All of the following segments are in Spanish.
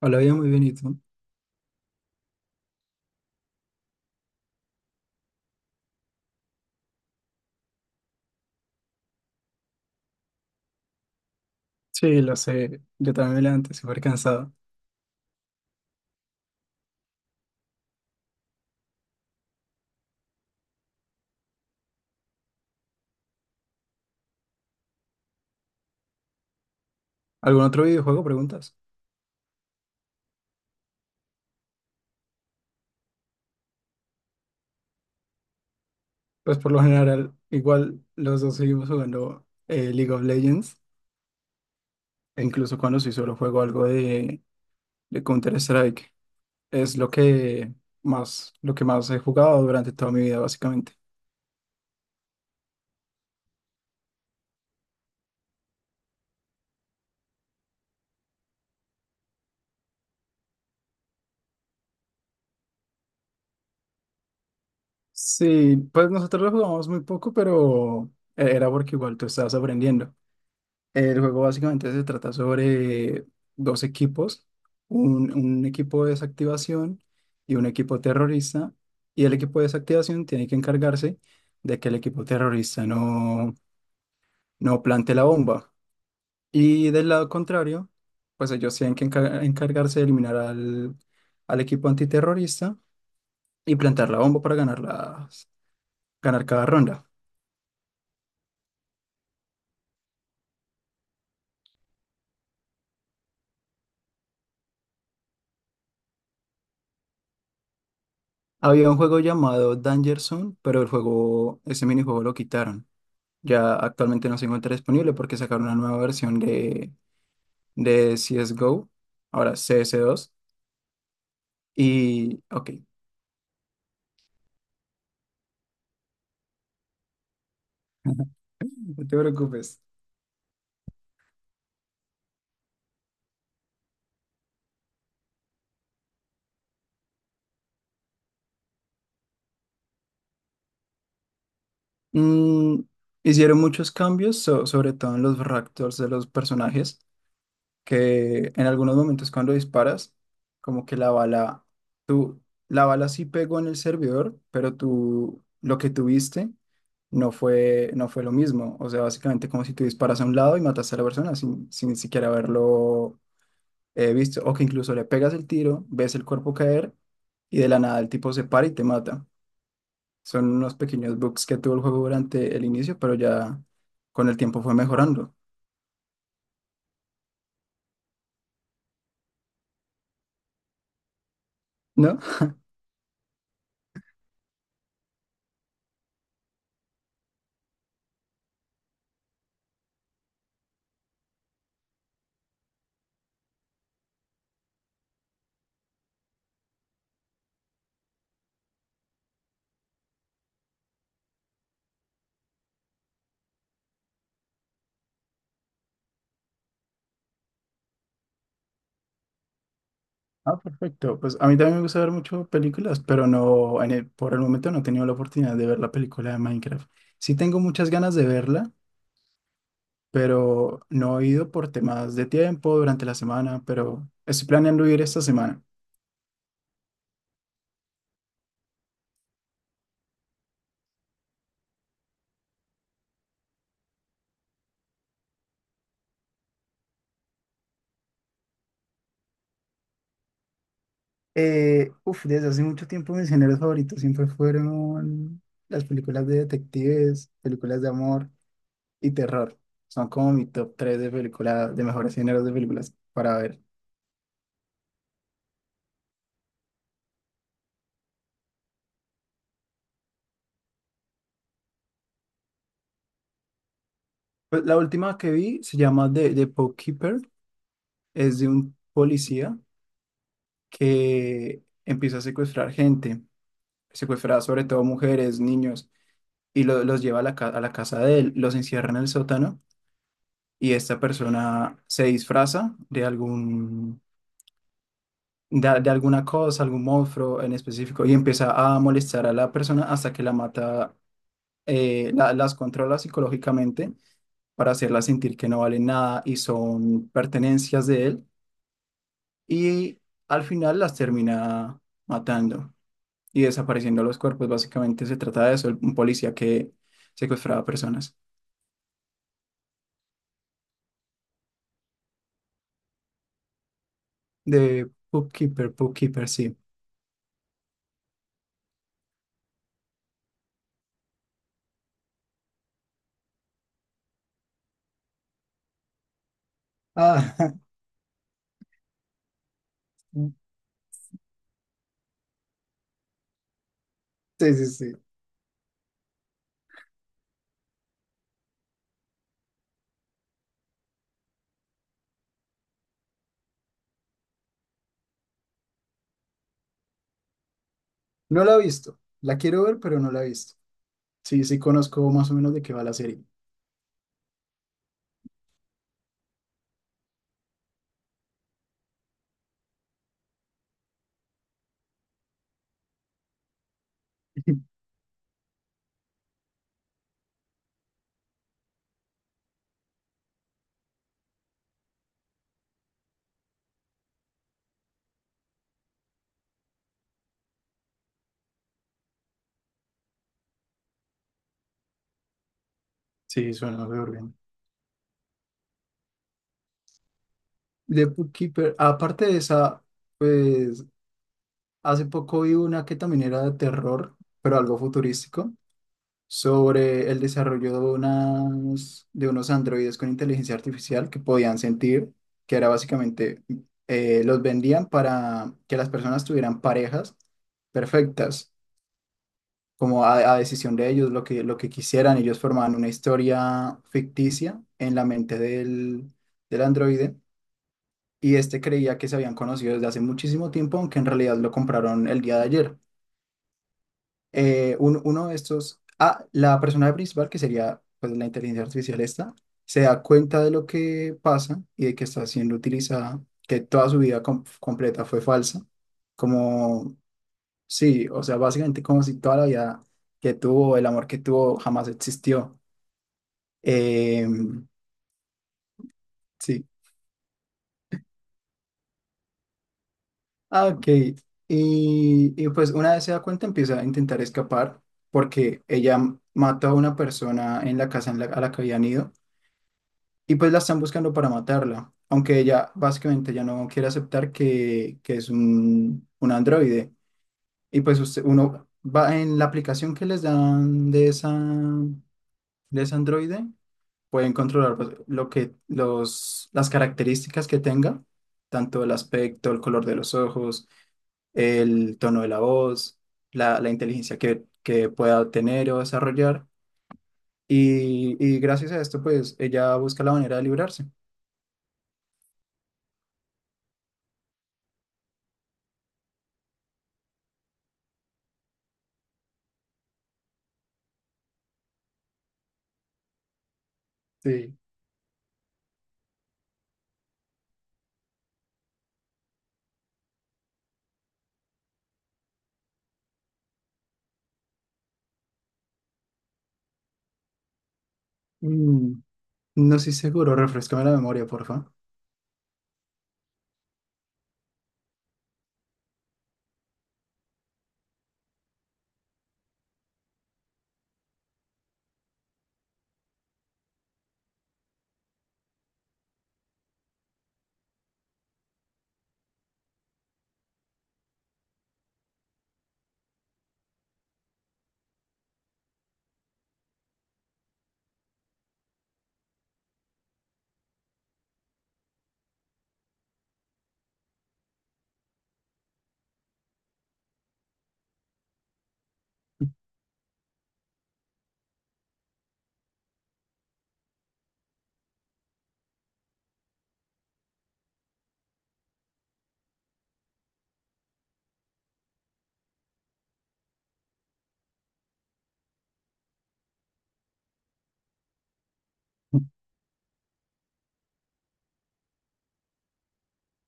Hola, bien, muy bien, ¿y tú? Sí, lo sé, yo también me levanté súper cansado. ¿Algún otro videojuego, preguntas? Pues por lo general, igual los dos seguimos jugando League of Legends, e incluso cuando sí solo juego algo de Counter-Strike. Es lo que más he jugado durante toda mi vida, básicamente. Sí, pues nosotros lo jugamos muy poco, pero era porque igual tú estabas aprendiendo. El juego básicamente se trata sobre dos equipos, un equipo de desactivación y un equipo terrorista, y el equipo de desactivación tiene que encargarse de que el equipo terrorista no plante la bomba. Y del lado contrario, pues ellos tienen que encargarse de eliminar al equipo antiterrorista y plantar la bomba para ganar, ganar cada ronda. Había un juego llamado Danger Zone, pero el juego, ese minijuego lo quitaron. Ya actualmente no se encuentra disponible porque sacaron una nueva versión de CSGO, ahora CS2. Y, ok, no te preocupes. Mm, hicieron muchos cambios, sobre todo en los ractors de los personajes, que en algunos momentos cuando disparas, como que la bala, tú, la bala sí pegó en el servidor, pero tú, lo que tuviste no fue lo mismo. O sea, básicamente como si tú disparas a un lado y matas a la persona sin siquiera haberlo visto, o que incluso le pegas el tiro, ves el cuerpo caer y de la nada el tipo se para y te mata. Son unos pequeños bugs que tuvo el juego durante el inicio, pero ya con el tiempo fue mejorando, ¿no? Ah, perfecto. Pues a mí también me gusta ver mucho películas, pero no, por el momento no he tenido la oportunidad de ver la película de Minecraft. Sí tengo muchas ganas de verla, pero no he ido por temas de tiempo durante la semana, pero estoy planeando ir esta semana. Uf, desde hace mucho tiempo mis géneros favoritos siempre fueron las películas de detectives, películas de amor y terror. Son como mi top 3 de películas, de mejores géneros de películas para ver. Pues la última que vi se llama The Bookkeeper. Es de un policía que empieza a secuestrar gente, secuestra sobre todo mujeres, niños, y los lleva a la, a la casa de él, los encierra en el sótano y esta persona se disfraza de algún, de alguna cosa, algún monstruo en específico y empieza a molestar a la persona hasta que la mata, las controla psicológicamente para hacerla sentir que no valen nada y son pertenencias de él y al final las termina matando y desapareciendo los cuerpos. Básicamente se trata de eso, un policía que secuestraba personas. De Bookkeeper, Bookkeeper, sí. Ah, sí, sí, sí. No la he visto. La quiero ver, pero no la he visto. Sí, sí conozco más o menos de qué va la serie. Sí, suena súper bien. De Bookkeeper, aparte de esa, pues hace poco vi una que también era de terror, pero algo futurístico, sobre el desarrollo de, unas, de unos androides con inteligencia artificial que podían sentir, que era básicamente, los vendían para que las personas tuvieran parejas perfectas, como a decisión de ellos, lo que quisieran. Ellos formaban una historia ficticia en la mente del androide y este creía que se habían conocido desde hace muchísimo tiempo, aunque en realidad lo compraron el día de ayer. Uno de estos, ah, la persona principal, que sería pues, la inteligencia artificial esta, se da cuenta de lo que pasa y de que está siendo utilizada, que toda su vida completa fue falsa, como, sí, o sea, básicamente como si toda la vida que tuvo, el amor que tuvo, jamás existió. Em, sí, ah, ok. Y pues una vez se da cuenta, empieza a intentar escapar porque ella mató a una persona en la casa a la que habían ido. Y pues la están buscando para matarla, aunque ella básicamente ya no quiere aceptar que es un androide. Y pues usted, uno va en la aplicación que les dan de esa, de ese androide, pueden controlar pues, lo que, las características que tenga, tanto el aspecto, el color de los ojos, el tono de la voz, la inteligencia que pueda tener o desarrollar. Y gracias a esto, pues ella busca la manera de librarse. Sí. Mm, no estoy seguro, refrescame la memoria, porfa.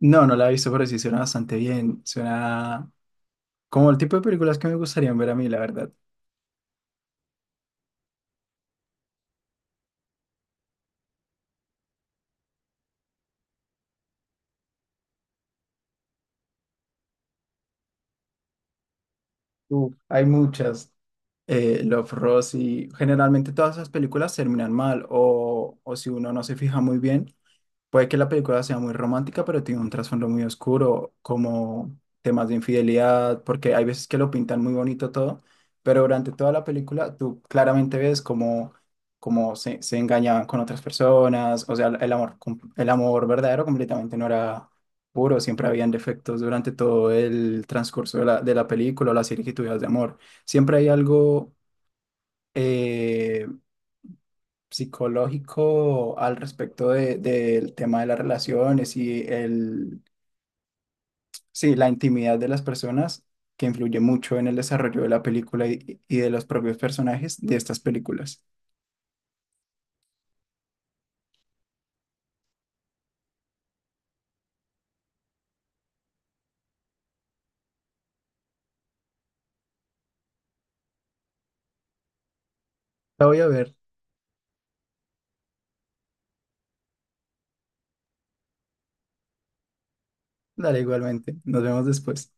No, no la he visto, pero sí suena bastante bien. Suena como el tipo de películas que me gustarían ver a mí, la verdad. Uf, hay muchas. Love, Rosie. Generalmente todas esas películas terminan mal o si uno no se fija muy bien, puede que la película sea muy romántica, pero tiene un trasfondo muy oscuro, como temas de infidelidad, porque hay veces que lo pintan muy bonito todo, pero durante toda la película tú claramente ves cómo, se engañaban con otras personas, o sea, el amor, el amor verdadero completamente no era puro, siempre habían defectos durante todo el transcurso de de la película o las circunstancias de amor. Siempre hay algo... eh, psicológico al respecto del tema de las relaciones y sí, la intimidad de las personas que influye mucho en el desarrollo de la película y de los propios personajes de estas películas. La voy a ver, dale igualmente. Nos vemos después.